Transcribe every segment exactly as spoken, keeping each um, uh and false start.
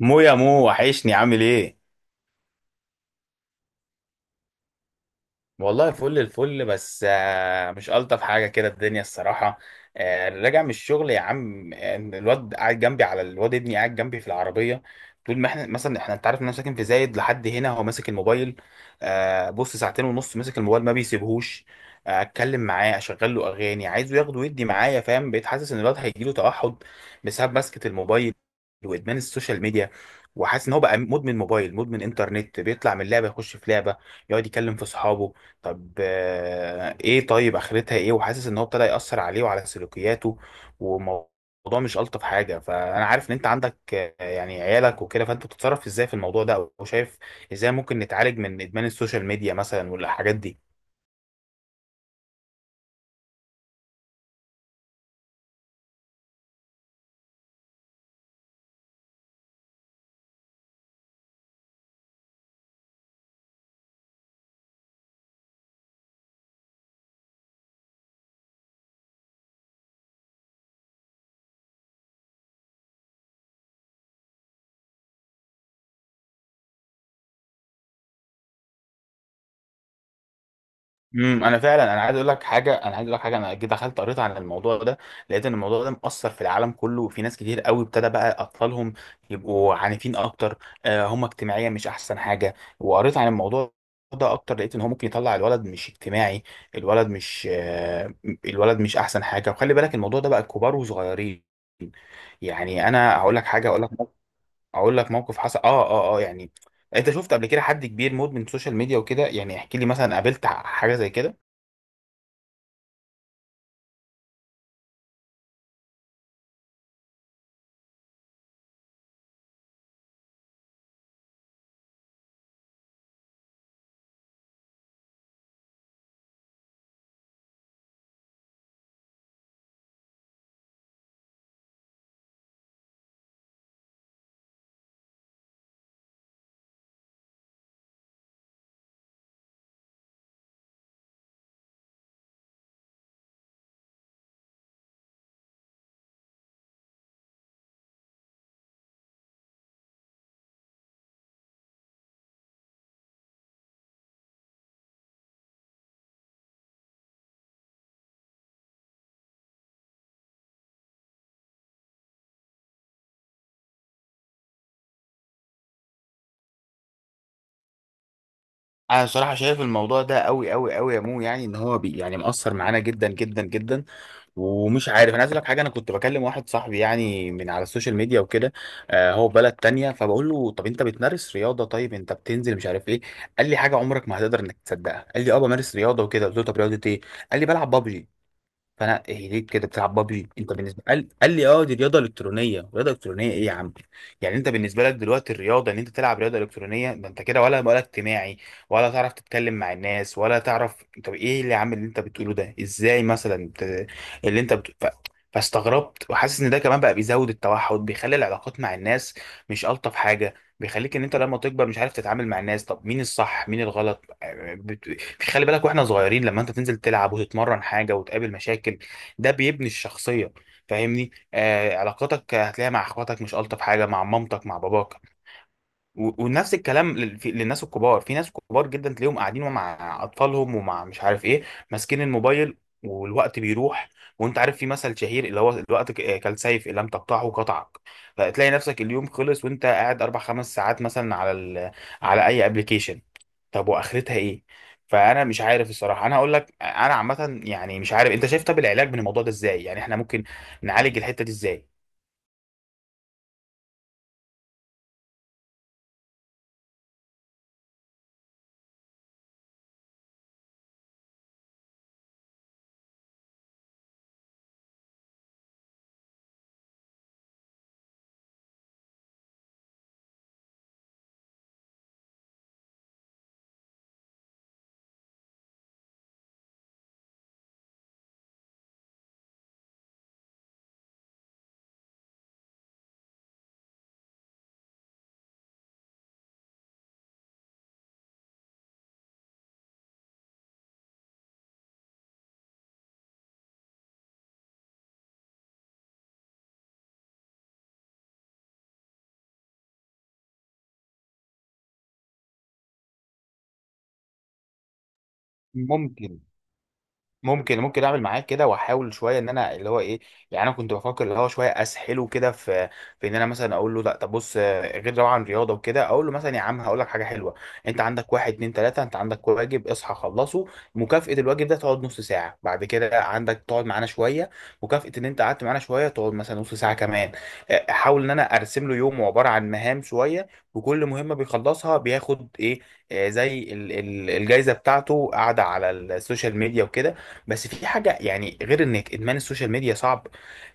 مو، يا مو، وحشني. عامل ايه؟ والله فل الفل. بس آه، مش ألطف حاجة كده الدنيا الصراحة. آه، راجع من الشغل يا عم. آه، الواد قاعد جنبي، على الواد ابني قاعد جنبي في العربية. طول ما احنا مثلا احنا انت عارف ان انا ساكن في زايد، لحد هنا هو ماسك الموبايل. آه، بص، ساعتين ونص ماسك الموبايل ما بيسيبهوش. آه، اتكلم معاه، اشغل له اغاني، عايزه ياخده ويدي معايا، فاهم؟ بقيت حاسس ان الواد هيجيله توحد بسبب ماسكة الموبايل وادمان السوشيال ميديا. وحاسس ان هو بقى مدمن موبايل، مدمن انترنت، بيطلع من لعبه يخش في لعبه، يقعد يكلم في اصحابه. طب آه، ايه؟ طيب اخرتها ايه؟ وحاسس ان هو ابتدى يأثر عليه وعلى سلوكياته والموضوع. مش ألطف حاجة. فانا عارف ان انت عندك آه، يعني عيالك وكده، فانت بتتصرف ازاي في الموضوع ده؟ او شايف ازاي ممكن نتعالج من ادمان السوشيال ميديا مثلا والحاجات دي؟ امم انا فعلا، انا عايز اقول لك حاجه انا عايز اقول لك حاجه، انا جيت دخلت قريت عن الموضوع ده، لقيت ان الموضوع ده مأثر في العالم كله، وفي ناس كتير قوي ابتدى بقى اطفالهم يبقوا عنيفين اكتر. آه هم اجتماعيا مش احسن حاجه. وقريت عن الموضوع ده اكتر، لقيت ان هو ممكن يطلع الولد مش اجتماعي، الولد مش آه الولد مش احسن حاجه. وخلي بالك الموضوع ده بقى كبار وصغيرين. يعني انا هقول لك حاجه، هقول لك موقف- هقول لك موقف حصل اه اه اه يعني انت شفت قبل كده حد كبير مدمن سوشيال ميديا وكده؟ يعني احكي لي، مثلا قابلت حاجه زي كده؟ انا صراحه شايف الموضوع ده قوي قوي قوي يا مو، يعني ان هو بي يعني مأثر معانا جدا جدا جدا، ومش عارف. انا عايز اقول لك حاجه، انا كنت بكلم واحد صاحبي يعني من على السوشيال ميديا وكده، آه هو في بلد تانية، فبقول له طب انت بتمارس رياضه؟ طيب انت بتنزل؟ مش عارف ايه. قال لي حاجه عمرك ما هتقدر انك تصدقها. قال لي اه بمارس رياضه وكده، قلت له طب رياضه ايه؟ قال لي بلعب بابجي. فانا ايه؟ ليه كده بتلعب بابجي انت بالنسبه؟ قال قال لي اه دي رياضه الكترونيه. رياضه الكترونيه ايه يا عم؟ يعني انت بالنسبه لك دلوقتي الرياضه ان انت تلعب رياضه الكترونيه؟ ده انت كده ولا ولا اجتماعي، ولا تعرف تتكلم مع الناس، ولا تعرف. طب ايه اللي عامل اللي انت بتقوله ده ازاي، مثلا ت- اللي انت بت... ف... فاستغربت. وحاسس ان ده كمان بقى بيزود التوحد، بيخلي العلاقات مع الناس مش الطف حاجه، بيخليك ان انت لما تكبر مش عارف تتعامل مع الناس. طب مين الصح مين الغلط؟ خلي بالك واحنا صغيرين، لما انت تنزل تلعب وتتمرن حاجه وتقابل مشاكل، ده بيبني الشخصيه، فاهمني؟ آه علاقاتك هتلاقيها مع اخواتك مش الطف حاجه، مع مامتك، مع باباك. و- ونفس الكلام لل- في- للناس الكبار. في ناس كبار جدا تلاقيهم قاعدين ومع اطفالهم ومع مش عارف ايه، ماسكين الموبايل والوقت بيروح. وانت عارف في مثل شهير اللي هو الوقت ك- كالسيف، ان لم تقطعه قطعك. فتلاقي نفسك اليوم خلص وانت قاعد اربع خمس ساعات مثلا على ال... على اي ابلكيشن. طب واخرتها ايه؟ فانا مش عارف الصراحه. انا هقول لك، انا عامه يعني مش عارف، انت شايف طب العلاج من الموضوع ده ازاي؟ يعني احنا ممكن نعالج الحته دي ازاي؟ ممكن ممكن ممكن اعمل معاك كده، واحاول شويه ان انا اللي هو ايه. يعني انا كنت بفكر اللي هو شويه اسحله كده في في ان انا مثلا اقول له لا، طب بص آه، غير طبعا رياضه وكده، اقول له مثلا يا عم هقول لك حاجه حلوه. انت عندك واحد اتنين تلاته، انت عندك واجب اصحى خلصه، مكافاه الواجب ده تقعد نص ساعه. بعد كده عندك تقعد معانا شويه، مكافاه ان انت قعدت معانا شويه تقعد مثلا نص ساعه كمان. آه، احاول ان انا ارسم له يوم عباره عن مهام شويه، وكل مهمه بيخلصها بياخد ايه، آه، زي ال- ال- الجايزه بتاعته قاعده على السوشيال ميديا وكده. بس في حاجة، يعني غير انك ادمان السوشيال ميديا صعب،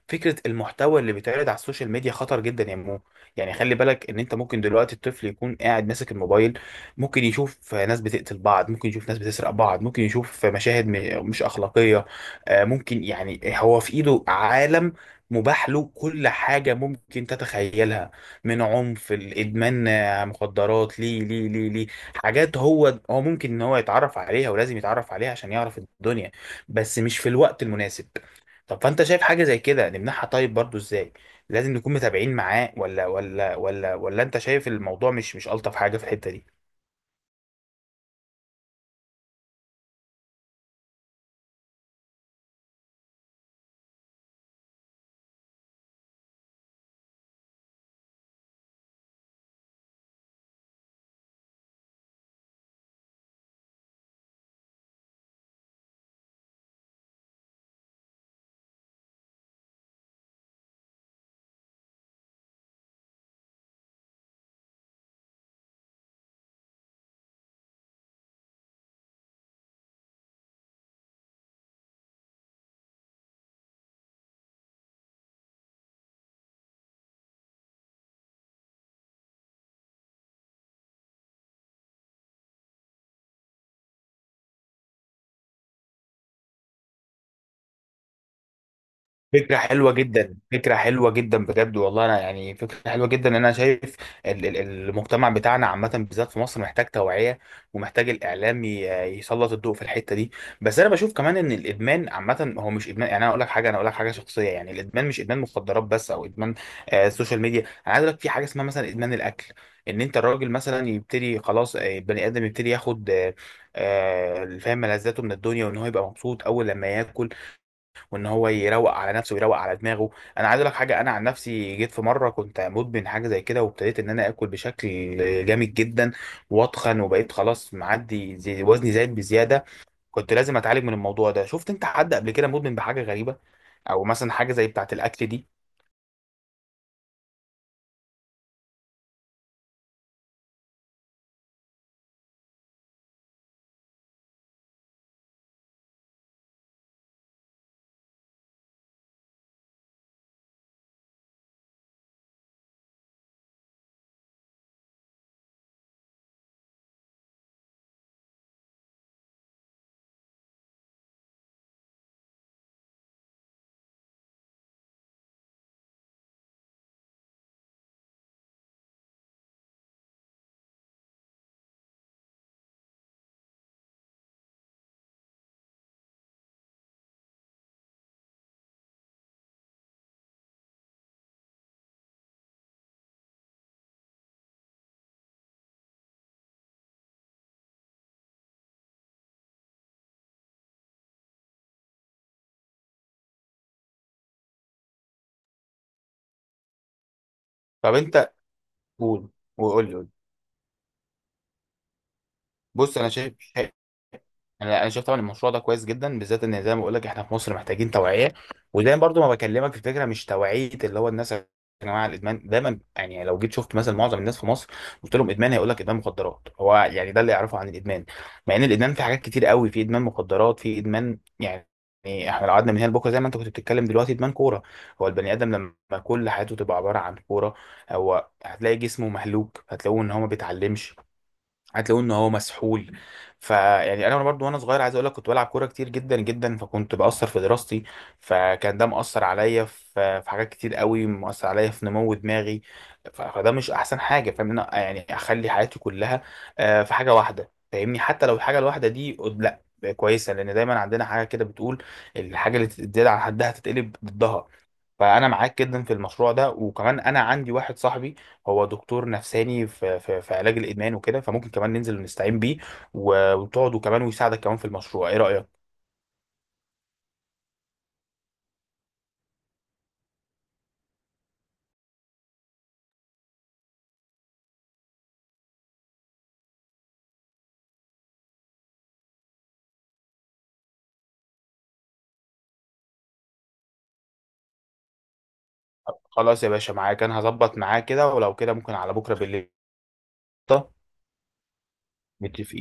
فكرة المحتوى اللي بيتعرض على السوشيال ميديا خطر جدا يا مو. يعني خلي بالك ان انت ممكن دلوقتي الطفل يكون قاعد ماسك الموبايل، ممكن يشوف ناس بتقتل بعض، ممكن يشوف ناس بتسرق بعض، ممكن يشوف مشاهد م- مش اخلاقية. آه، ممكن يعني هو في ايده عالم مباح له، كل حاجة ممكن تتخيلها، من عنف، الإدمان، آه، مخدرات، ليه ليه ليه ليه، حاجات هو هو ممكن إن هو يتعرف عليها، ولازم يتعرف عليها عشان يعرف الدنيا، بس مش في الوقت المناسب. طب فانت شايف حاجه زي كده نمنعها؟ طيب برضو ازاي؟ لازم نكون متابعين معاه ولا ولا ولا ولا انت شايف الموضوع مش مش الطف حاجه في الحته دي؟ فكرة حلوة جدا، فكرة حلوة جدا بجد والله. أنا يعني فكرة حلوة جدا. أنا شايف ال- ال- المجتمع بتاعنا عامة بالذات في مصر محتاج توعية، ومحتاج الإعلام ي- يسلط الضوء في الحتة دي. بس أنا بشوف كمان إن الإدمان عامة هو مش إدمان، يعني أنا أقول لك حاجة، أنا أقول لك حاجة شخصية، يعني الإدمان مش إدمان مخدرات بس أو إدمان آه، السوشيال ميديا. أنا عايز أقول لك في حاجة اسمها مثلا إدمان الأكل، إن أنت الراجل مثلا يبتدي خلاص آه، بني آدم يبتدي ياخد آه، آه، فاهم، ملذاته من الدنيا، وإن هو يبقى مبسوط أول لما ياكل، وان هو يروق على نفسه ويروق على دماغه. انا عايز اقول لك حاجه، انا عن نفسي جيت في مره كنت مدمن حاجه زي كده، وابتديت ان انا اكل بشكل جامد جدا، واتخن وبقيت خلاص معدي، زي وزني زايد بزياده، كنت لازم اتعالج من الموضوع ده. شفت انت حد قبل كده مدمن بحاجه غريبه، او مثلا حاجه زي بتاعه الاكل دي؟ طب انت قول، وقول لي قول. بص انا شايف، انا انا شايف طبعا المشروع ده كويس جدا، بالذات ان زي ما بقول لك احنا في مصر محتاجين توعيه. ودايما برضو ما بكلمك في فكره مش توعيه اللي هو الناس، يا جماعه الادمان دايما، يعني لو جيت شفت مثلا معظم الناس في مصر قلت لهم ادمان، هيقول لك ادمان مخدرات، هو يعني ده اللي يعرفه عن الادمان، مع ان الادمان في حاجات كتير قوي. في ادمان مخدرات، في ادمان يعني، احنا لو قعدنا من هنا لبكره زي ما انت كنت بتتكلم دلوقتي، ادمان كوره. هو البني ادم لما كل حياته تبقى عباره عن كوره، هو هتلاقي جسمه مهلوك، هتلاقوه ان هو ما بيتعلمش، هتلاقوه ان هو مسحول. فيعني انا برضو وانا صغير عايز اقول لك، كنت بلعب كوره كتير جدا جدا، فكنت باثر في دراستي، فكان ده مأثر عليا في في حاجات كتير قوي، مأثر عليا في نمو دماغي. ف- فده مش احسن حاجه، فاهم إن أنا يعني اخلي حياتي كلها آه، في حاجه واحده، فاهمني؟ حتى لو الحاجه الواحده دي قد- لا كويسه، لان دايما عندنا حاجه كده بتقول: الحاجه اللي تزيد عن حدها تتقلب ضدها. فانا معاك جدا في المشروع ده، وكمان انا عندي واحد صاحبي هو دكتور نفساني في، في, في علاج الادمان وكده، فممكن كمان ننزل ونستعين بيه، و- وتقعد وكمان ويساعدك كمان في المشروع. ايه رايك؟ خلاص يا باشا، معاك. انا هظبط معاه كده، ولو كده ممكن على بكره بالليل. متفقين.